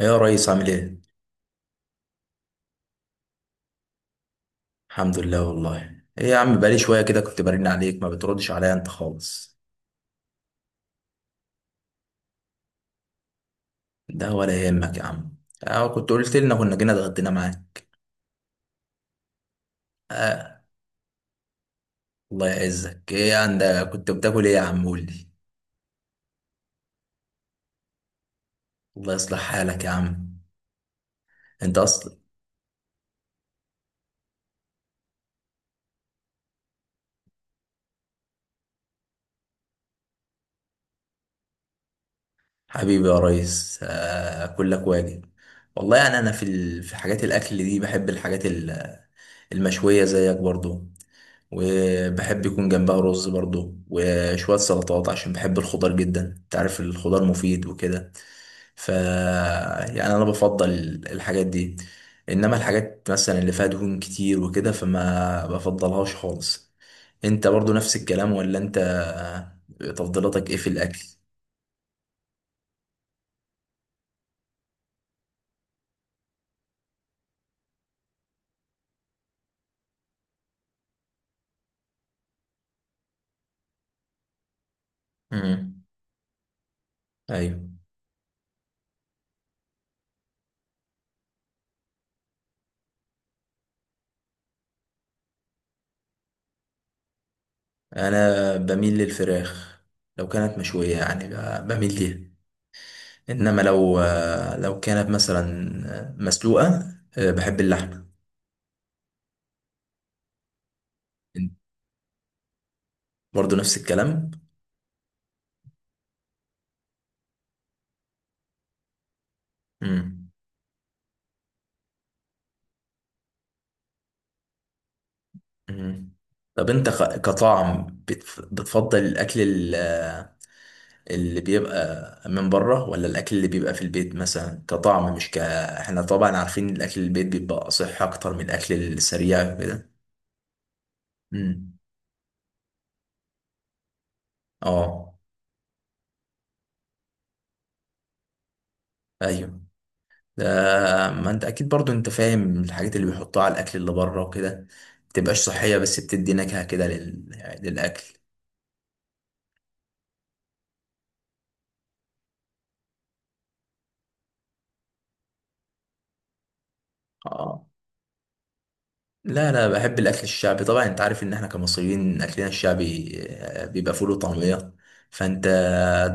ايه يا ريس عامل ايه؟ الحمد لله. والله ايه يا عم بقالي شوية كده كنت برن عليك ما بتردش عليا انت خالص. ده ولا يهمك يا عم. اه كنت قلت لنا كنا جينا اتغدينا معاك. اه الله يعزك، ايه عندك كنت بتاكل ايه يا عم قول لي. الله يصلح حالك يا عم. انت اصلا حبيبي يا ريس، اه كلك واجب. والله يعني انا في حاجات الاكل دي بحب الحاجات المشوية زيك برضو، وبحب يكون جنبها رز برضو وشوية سلطات عشان بحب الخضار جدا، انت عارف الخضار مفيد وكده. ف يعني انا بفضل الحاجات دي، انما الحاجات مثلا اللي فيها دهون كتير وكده فما بفضلهاش خالص. انت برضو نفس الكلام ولا انت، تفضيلاتك ايه في الاكل؟ امم ايوه، انا بميل للفراخ. لو كانت مشوية يعني بميل ليها. انما لو لو كانت مثلا مسلوقه. بحب اللحمه. برضه نفس الكلام. مم. مم. طب انت كطعم بتفضل الاكل اللي بيبقى من بره ولا الاكل اللي بيبقى في البيت مثلا؟ كطعم، مش ك احنا طبعا عارفين الاكل البيت بيبقى صح اكتر من الاكل السريع كده. مم. اه. ايوه ده. ما انت اكيد برضو انت فاهم الحاجات اللي بيحطوها على الاكل اللي بره وكده متبقاش صحية، بس بتدي نكهة كده للاكل. اه لا لا، بحب الاكل الشعبي طبعا. انت عارف ان احنا كمصريين اكلنا الشعبي بيبقى فول وطعمية. فانت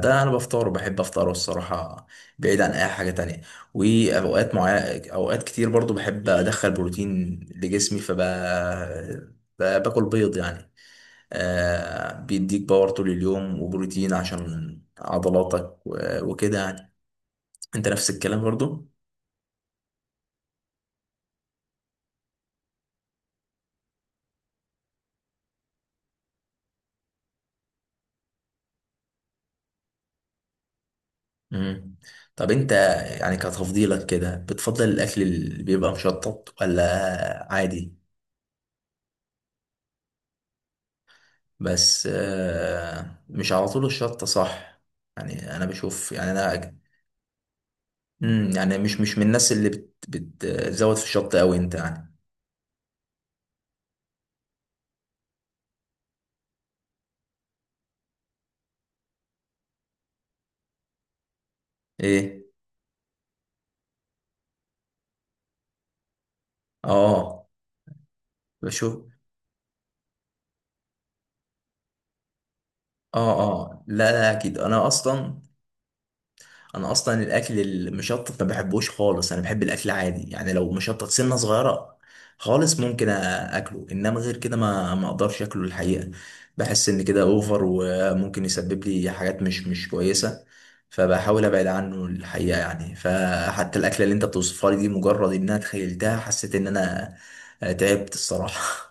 ده انا بفطره بحب افطره الصراحة، بعيد عن اي حاجة تانية. واوقات معينة، اوقات كتير برضو بحب ادخل بروتين لجسمي فب باكل بيض يعني، بيديك باور طول اليوم وبروتين عشان عضلاتك وكده يعني. انت نفس الكلام برضو؟ مم. طب انت يعني كتفضيلك كده بتفضل الاكل اللي بيبقى مشطط ولا عادي؟ بس مش على طول الشطة صح؟ يعني انا بشوف، يعني انا يعني مش من الناس اللي بتزود في الشطة قوي انت يعني. ايه؟ اه بشوف. اه اه لا لا اكيد، انا اصلا انا اصلا الاكل المشطت ما بحبوش خالص. انا بحب الاكل عادي يعني، لو مشطت سنه صغيره خالص ممكن اكله، انما غير كده ما اقدرش اكله الحقيقه. بحس ان كده اوفر وممكن يسبب لي حاجات مش كويسه، فبحاول ابعد عنه الحقيقه يعني. فحتى الاكله اللي انت بتوصفها لي دي، مجرد انها تخيلتها حسيت ان انا تعبت الصراحه.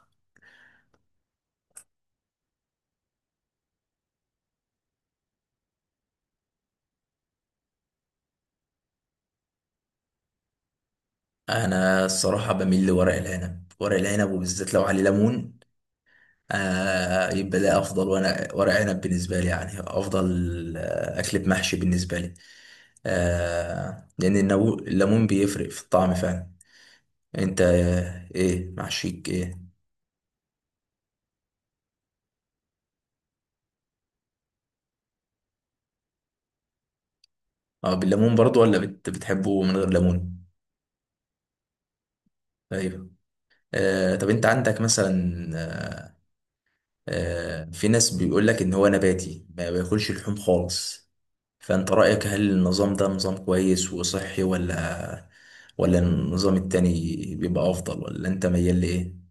انا الصراحه بميل لورق العنب. ورق العنب وبالذات لو عليه ليمون آه، يبقى ده افضل. وانا ورق عنب بالنسبه لي يعني افضل اكل بمحشي بالنسبه لي، آه، الليمون بيفرق في الطعم فعلا. انت ايه محشيك ايه؟ اه بالليمون برضو ولا بتحبه من غير ليمون؟ ايوه. آه طب انت عندك مثلا، آه، في ناس بيقول لك ان هو نباتي ما بياكلش لحوم خالص، فانت رايك هل النظام ده نظام كويس وصحي ولا، ولا النظام التاني بيبقى افضل؟ ولا انت ميال لايه؟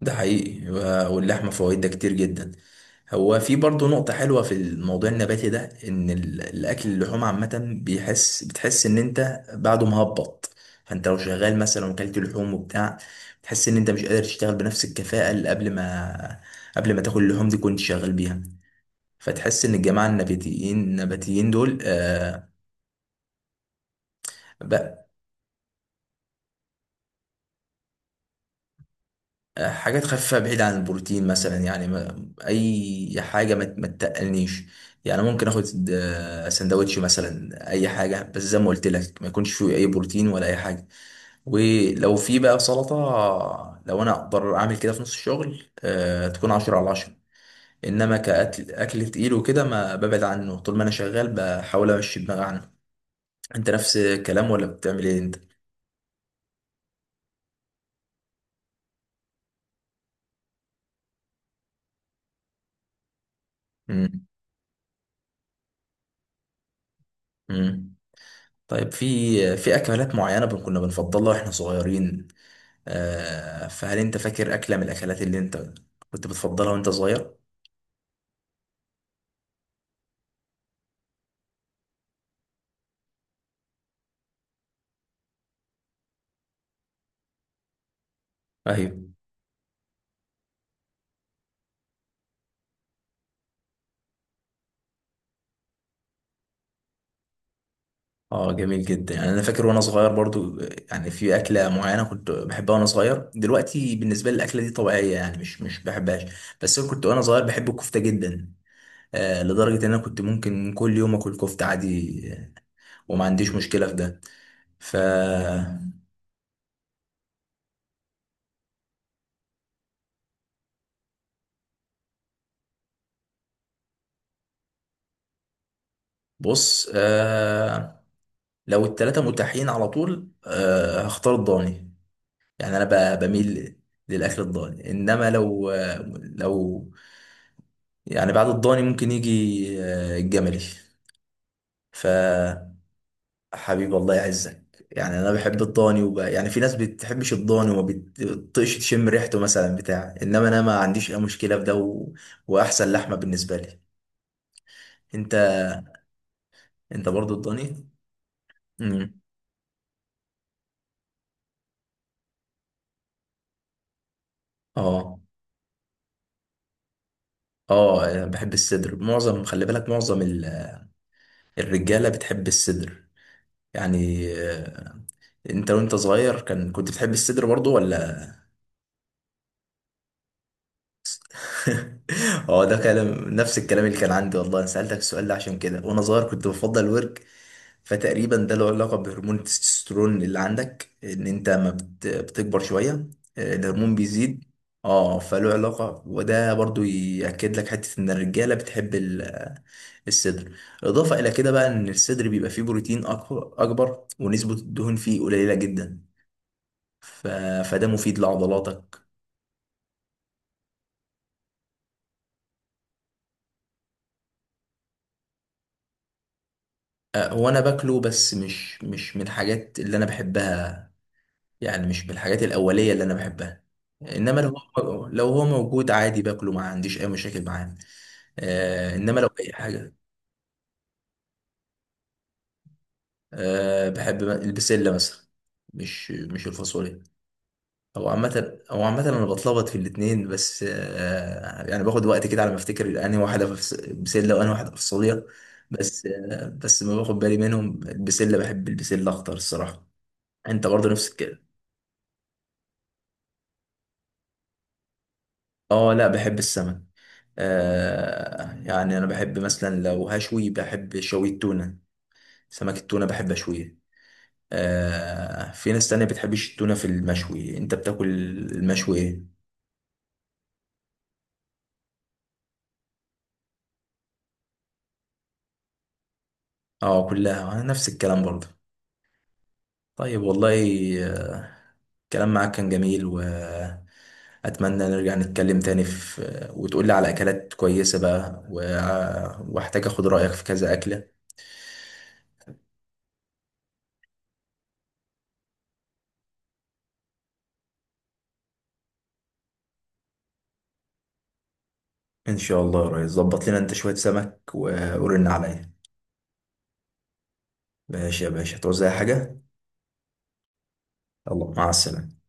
ده حقيقي، واللحمة فوائدها كتير جدا. هو في برضه نقطة حلوة في الموضوع النباتي ده، إن الأكل اللحوم عامة بيحس، بتحس إن أنت بعده مهبط. فأنت لو شغال مثلا وكلت لحوم وبتاع، بتحس إن أنت مش قادر تشتغل بنفس الكفاءة اللي قبل ما تاكل اللحوم دي كنت شغال بيها. فتحس إن الجماعة النباتيين دول آه. حاجات خفيفة، بعيد عن البروتين مثلا يعني، ما أي حاجة ما تتقلنيش يعني. ممكن آخد سندوتش مثلا، أي حاجة، بس زي ما قلت لك ما يكونش فيه أي بروتين ولا أي حاجة. ولو في بقى سلطة لو أنا أقدر أعمل كده في نص الشغل تكون عشرة على عشرة. إنما كأكل، أكل تقيل وكده، ما ببعد عنه طول ما أنا شغال بحاول أمشي دماغي عنه. أنت نفس الكلام ولا بتعمل إيه أنت؟ مم. مم. طيب، في اكلات معينه كنا بنفضلها واحنا صغيرين فهل انت فاكر اكله من الاكلات اللي انت كنت بتفضلها وانت صغير؟ ايوه. اه جميل جدا. يعني انا فاكر وانا صغير برضو، يعني في اكله معينه كنت بحبها وانا صغير، دلوقتي بالنسبه لي الاكله دي طبيعيه يعني مش بحبهاش. بس انا كنت وانا صغير بحب الكفته جدا، آه، لدرجه ان انا كنت ممكن كل يوم اكل كفته عادي، وما عنديش مشكله في ده. ف بص آه، لو التلاته متاحين على طول آه هختار الضاني. يعني انا بميل للاكل الضاني، انما لو، لو، يعني بعد الضاني ممكن يجي الجملي. فحبيبي الله يعزك. يعني انا بحب الضاني يعني في ناس بتحبش الضاني وما بتطيقش تشم ريحته مثلا بتاع، انما انا ما عنديش اي مشكله في ده واحسن لحمه بالنسبه لي. انت، انت برضو الضاني؟ امم اه اه، أنا بحب الصدر. معظم، خلي بالك، معظم الرجاله بتحب الصدر يعني انت وانت صغير كان كنت بتحب الصدر برضو ولا؟ هو ده كلام، نفس الكلام اللي كان عندي والله. انا سألتك السؤال ده عشان كده، وانا صغير كنت بفضل الورك. فتقريبا ده له علاقة بهرمون التستوستيرون اللي عندك، ان انت ما بتكبر شوية الهرمون بيزيد. اه فله علاقة، وده برضو يأكد لك حتة ان الرجالة بتحب الصدر. اضافة الى كده بقى، ان الصدر بيبقى فيه بروتين اكبر ونسبة الدهون فيه قليلة جدا. ف... فده مفيد لعضلاتك. وانا باكله، بس مش من الحاجات اللي انا بحبها، يعني مش من الحاجات الاوليه اللي انا بحبها. انما لو، هو لو هو موجود عادي باكله ما عنديش اي مشاكل معاه آه، انما لو اي حاجه. آه بحب البسله مثلا، مش الفاصوليا. او عامه، او عامه انا بتلخبط في الاتنين، بس آه يعني باخد وقت كده على ما افتكر انهي واحده بسله وانهي واحده فاصوليا. بس آه بس ما باخد بالي منهم. البسله بحب البسله اخضر الصراحه. انت برضه نفس الكلام؟ اه لا بحب السمك، آه، يعني انا بحب مثلا لو هشوي بحب شوي التونة. سمك التونة بحب اشويه آه. في ناس تانية بتحبش التونة في المشوي. انت بتاكل المشوي ايه؟ اه كلها نفس الكلام برضه. طيب والله آه، الكلام معاك كان جميل، واتمنى نرجع نتكلم تاني في وتقول لي على اكلات كويسة بقى، واحتاج اخد رأيك في كذا اكلة. ان شاء الله يا ريس، ظبط لنا انت شوية سمك ورن عليا. ماشي يا باشا توزع حاجة. يلا مع السلامة.